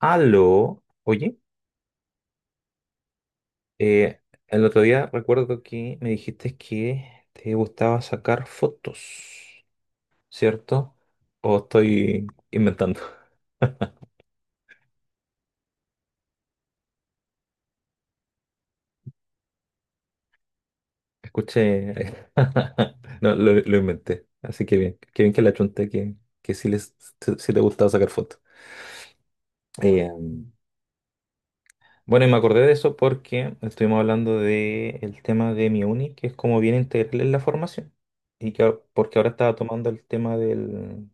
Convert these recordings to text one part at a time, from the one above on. Aló, oye, eh, el otro día recuerdo que me dijiste que te gustaba sacar fotos, ¿cierto? ¿O estoy inventando? Escuché, no, lo inventé, así que bien, qué bien que la chunté, que, que sí, les, sí te gustaba sacar fotos. Eh, bueno, y me acordé de eso porque estuvimos hablando de el tema de mi uni, que es como bien integral en la formación. Y que, porque ahora estaba tomando el tema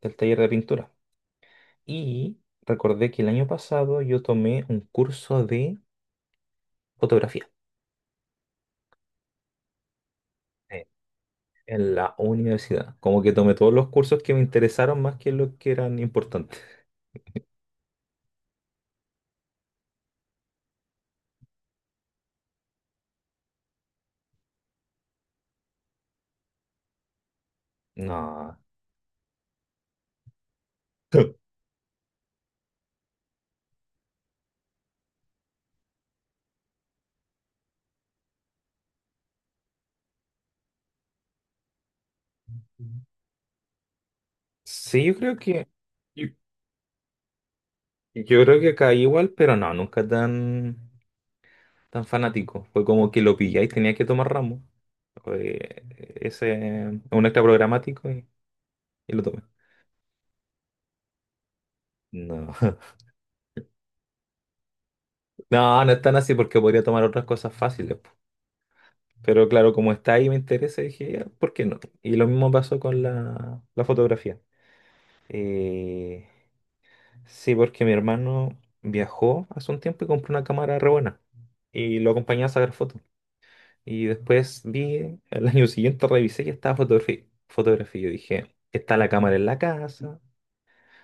del taller de pintura. Y recordé que el año pasado yo tomé un curso de fotografía eh, en la universidad. Como que tomé todos los cursos que me interesaron más que los que eran importantes. No. Sí, yo creo que... Yo yo creo que caí igual, pero no, nunca tan fanático. Fue como que lo pillé y tenía que tomar ramo. Fue ese, un extra programático y lo tomé. No. No, no es tan así porque podría tomar otras cosas fáciles. Pero claro, como está ahí me interesa, dije, "Ya, ¿por qué no? Y lo mismo pasó con la fotografía. Eh, sí, porque mi hermano viajó hace un tiempo y compró una cámara re buena. Y lo acompañé a sacar fotos. Y después vi, el año siguiente revisé y estaba fotografía. Fotografía. Yo dije, está la cámara en la casa.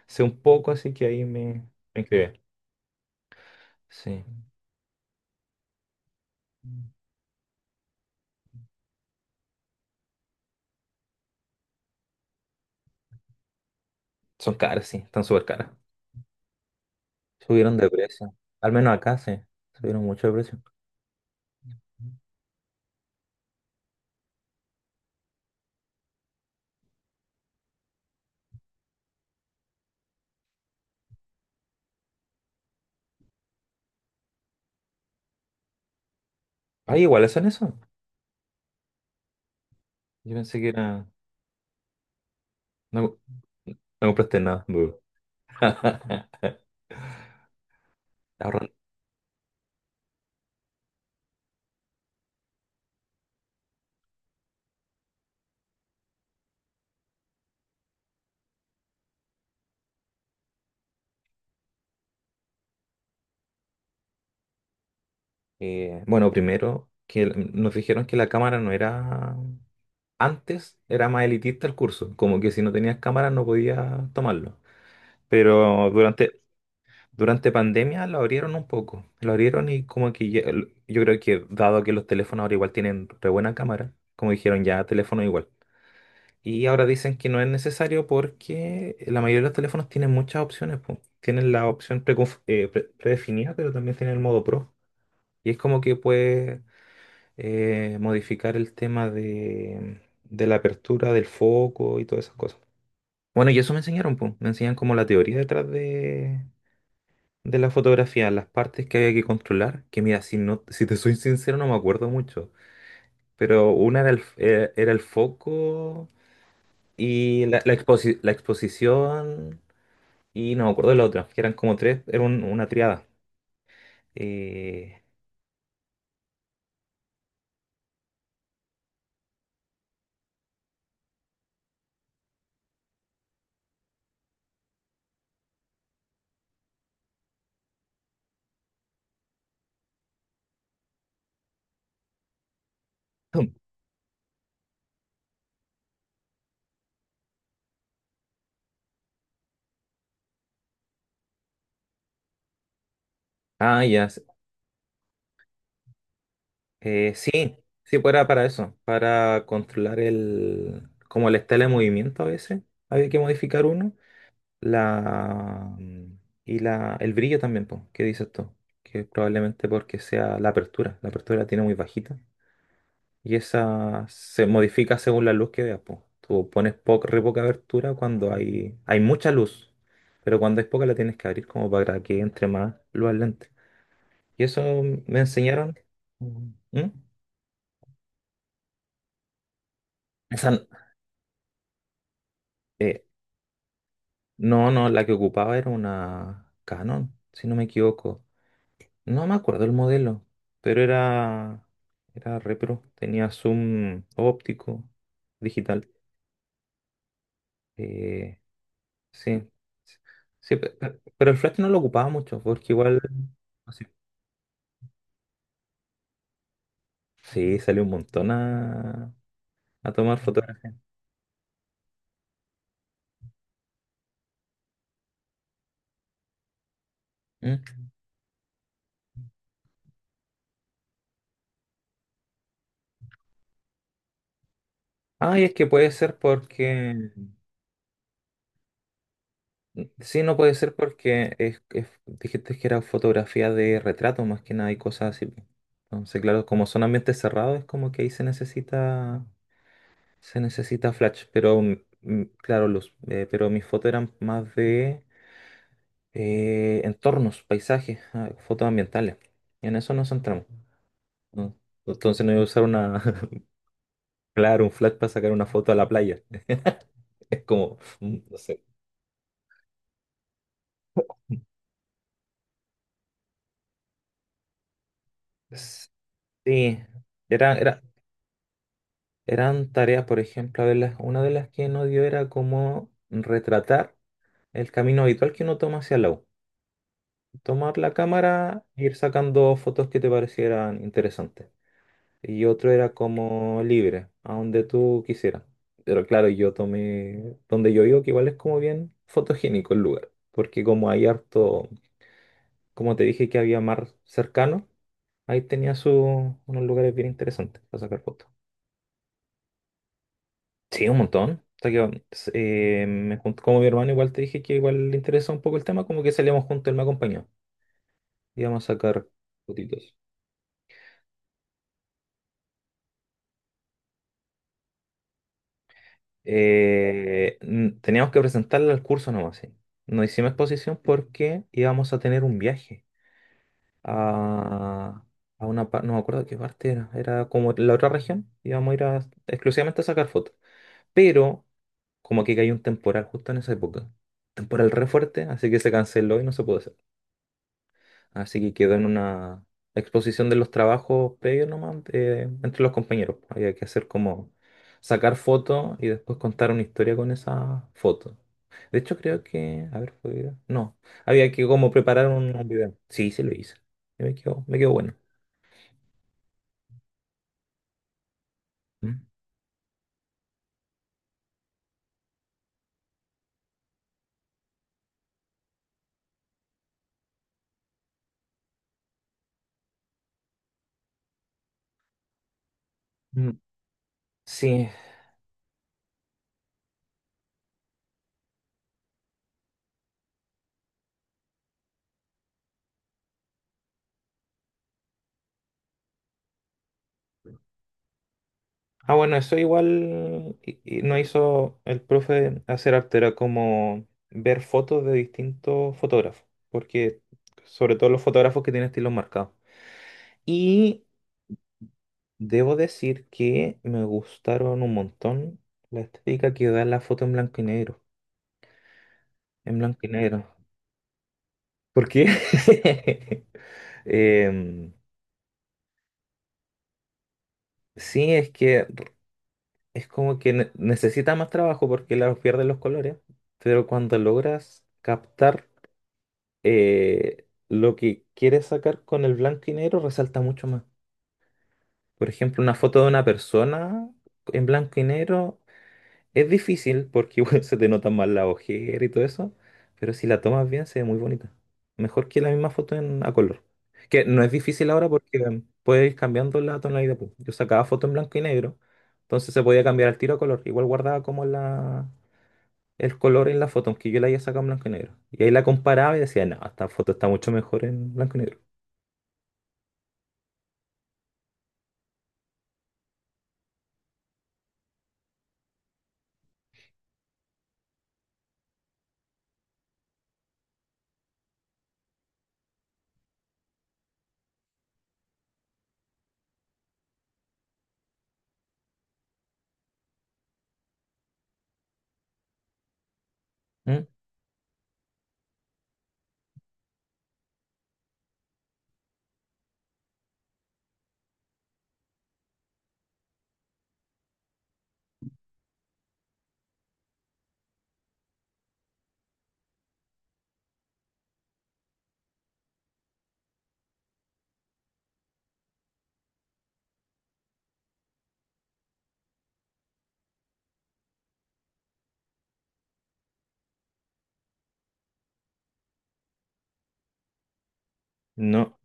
Sé un poco, así que ahí me inscribí. Sí. Son caras, sí, están súper caras. Subieron de precio. Al menos acá, sí. Subieron mucho de precio. Ah, iguales son eso. Yo pensé que era... No, no compraste nada, duro. Ahorran- bueno, primero, nos dijeron que la cámara no era... Antes era más elitista el curso, como que si no tenías cámara no podías tomarlo. Pero durante pandemia lo abrieron un poco. Lo abrieron y como que yo creo que dado que los teléfonos ahora igual tienen re buena cámara, como dijeron ya, teléfono igual. Y ahora dicen que no es necesario porque la mayoría de los teléfonos tienen muchas opciones. Po. Tienen la opción predefinida, pero también tienen el modo Pro. Y es como que puedes modificar el tema de la apertura, del foco y todas esas cosas. Bueno, y eso me enseñaron, po. Me enseñan como la teoría detrás de la fotografía, las partes que había que controlar. Que mira, si, no, si te soy sincero, no me acuerdo mucho. Pero una era era el foco. Y la, la exposición, y no me acuerdo de la otra, que eran como tres, era una triada. Eh, ah, ya. s- sí, sí, pues era para eso, para controlar el, como la estela de movimiento a veces. Había que modificar uno. La, y la, el brillo también, pues, ¿qué dices tú? Que probablemente porque sea la apertura. La apertura la tiene muy bajita. Y esa se modifica según la luz que veas, po. Tú pones poca, re poca abertura cuando hay mucha luz, pero cuando hay poca la tienes que abrir como para que entre más luz al lente. Y eso me enseñaron. ¿Mm? ¿Mm? Esa, eh, no, no, la que ocupaba era una Canon, si no me equivoco. No me acuerdo el modelo, pero era, era repro, tenía zoom óptico, digital. Eh, Sí, sí, pero el Flash no lo ocupaba mucho, porque igual así, sí, salió un montón a tomar fotografías. Mm. Ay, es que puede ser porque, sí, no puede ser porque es- dijiste que era fotografía de retrato más que nada y cosas así. Po. Entonces, claro, como son ambientes cerrados, es como que ahí se necesita flash, pero claro, luz, pero mis fotos eran más de entornos, paisajes, ah, fotos ambientales. Y en eso nos centramos. ¿No? Entonces no voy a usar una, claro, un flash para sacar una foto a la playa. Es como, no sé. Sí, era, era, eran tareas, por ejemplo, a ver, una de las que nos dio era como retratar el camino habitual que uno toma hacia la U. Tomar la cámara e ir sacando fotos que te parecieran interesantes. Y otro era como libre, a donde tú quisieras. Pero claro, yo tomé donde yo vivo, que igual es como bien fotogénico el lugar, porque como hay harto, como te dije que había mar cercano, ahí tenía su, unos lugares bien interesantes para sacar fotos. Sí, un montón. Hasta que, me junto, como mi hermano igual te dije que igual le interesa un poco el tema, como que salíamos juntos, él me acompañó. Íbamos a sacar fotitos. Teníamos que presentarla al curso nomás, sí. No hicimos exposición porque íbamos a tener un viaje a, a una parte, no me acuerdo qué parte era, era como la otra región, íbamos a ir exclusivamente a sacar fotos. Pero como que cayó un temporal justo en esa época, temporal re fuerte, así que se canceló y no se pudo. Así que quedó en una exposición de los trabajos previos nomás entre los compañeros. Había que hacer como sacar fotos y después contar una historia con esa foto. De hecho, creo que. A ver, fue video. No, había que como preparar un video. Sí, sí lo hice. Y me quedó bueno. Mm. Mm. Sí. Ah, bueno, eso igual y no hizo el profe hacer arte, era como ver fotos de distintos fotógrafos, porque sobre todo los fotógrafos que tienen estilos marcados. Y debo decir que me gustaron un montón la estética que da la foto en blanco y negro. En blanco y negro. ¿Por qué? Em, sí, es que es como que necesita más trabajo porque la pierden los colores, pero cuando logras captar lo que quieres sacar con el blanco y negro, resalta mucho más. Por ejemplo, una foto de una persona en blanco y negro. Es difícil porque igual se te notan más la ojera y todo eso, pero si la tomas bien se ve muy bonita. Mejor que la misma foto en, a color. Que no es difícil ahora porque puedes ir cambiando la tonalidad. Pues. Yo sacaba foto en blanco y negro, entonces se podía cambiar al tiro a color. Igual guardaba como la, el color en la foto, aunque yo la haya sacado en blanco y negro. Y ahí la comparaba y decía, no, esta foto está mucho mejor en blanco y negro. ¿Mm? No.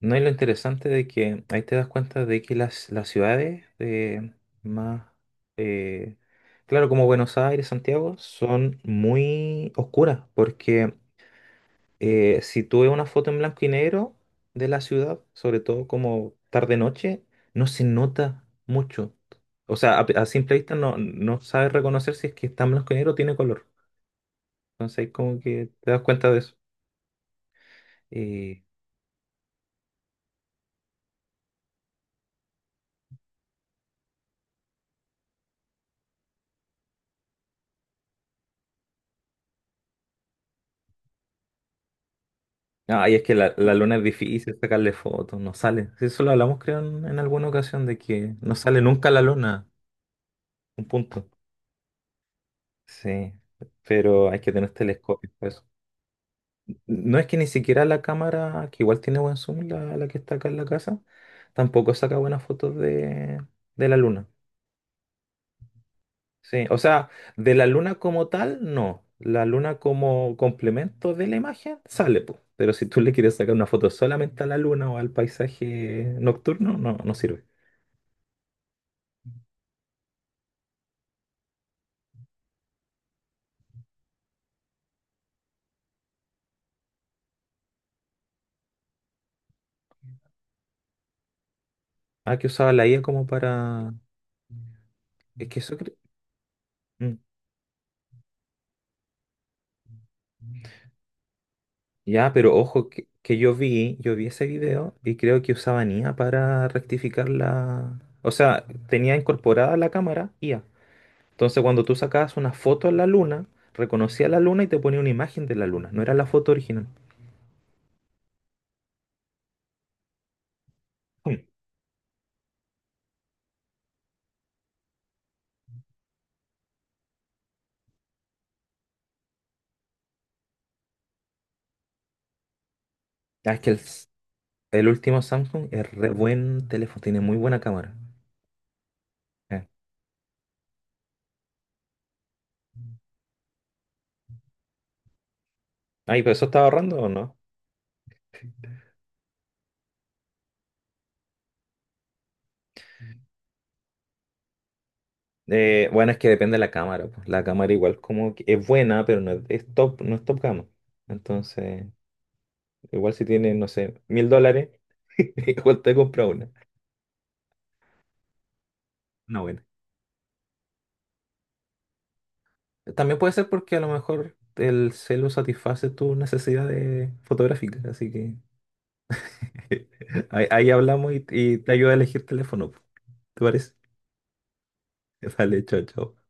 No, y lo interesante de que ahí te das cuenta de que las ciudades más, eh, claro, como Buenos Aires, Santiago, son muy oscuras, porque si tú ves una foto en blanco y negro de la ciudad, sobre todo como tarde-noche, no se nota mucho. O sea, a simple vista no, no sabes reconocer si es que está en blanco y negro o tiene color. Entonces ahí como que te das cuenta de eso. Eh, Ay, es que la luna es difícil sacarle fotos, no sale. Sí, eso lo hablamos, creo, en alguna ocasión, de que no sale nunca la luna, un punto. Sí, pero hay que tener telescopios para eso. No es que ni siquiera la cámara, que igual tiene buen zoom, la que está acá en la casa, tampoco saca buenas fotos de la luna. Sí, o sea, de la luna como tal, no. La luna como complemento de la imagen sale, pues. Pero si tú le quieres sacar una foto solamente a la luna o al paisaje nocturno, no, no sirve. Ah, que usaba la IA como para... Es que eso... cre- Mm. Ya, pero ojo, que yo vi ese video y creo que usaban IA para rectificar la... O sea, tenía incorporada la cámara IA. Entonces cuando tú sacabas una foto en la luna, reconocía la luna y te ponía una imagen de la luna. No era la foto original. Mm. Ah, es que el último Samsung es re buen teléfono, tiene muy buena cámara. Eh. Ay, pero eso estaba ahorrando o no? Bueno, es que depende de la cámara. Pues. La cámara igual como que es buena, pero no es, es top, no es top gama. Entonces, igual si tienes, no sé, 1.000 dólares, igual te compra una. No, bueno. También puede ser porque a lo mejor el celu satisface tus necesidades fotográficas. Así que ahí, ahí hablamos y te ayuda a elegir teléfono. Pues. ¿Te parece? Vale, chao, chao.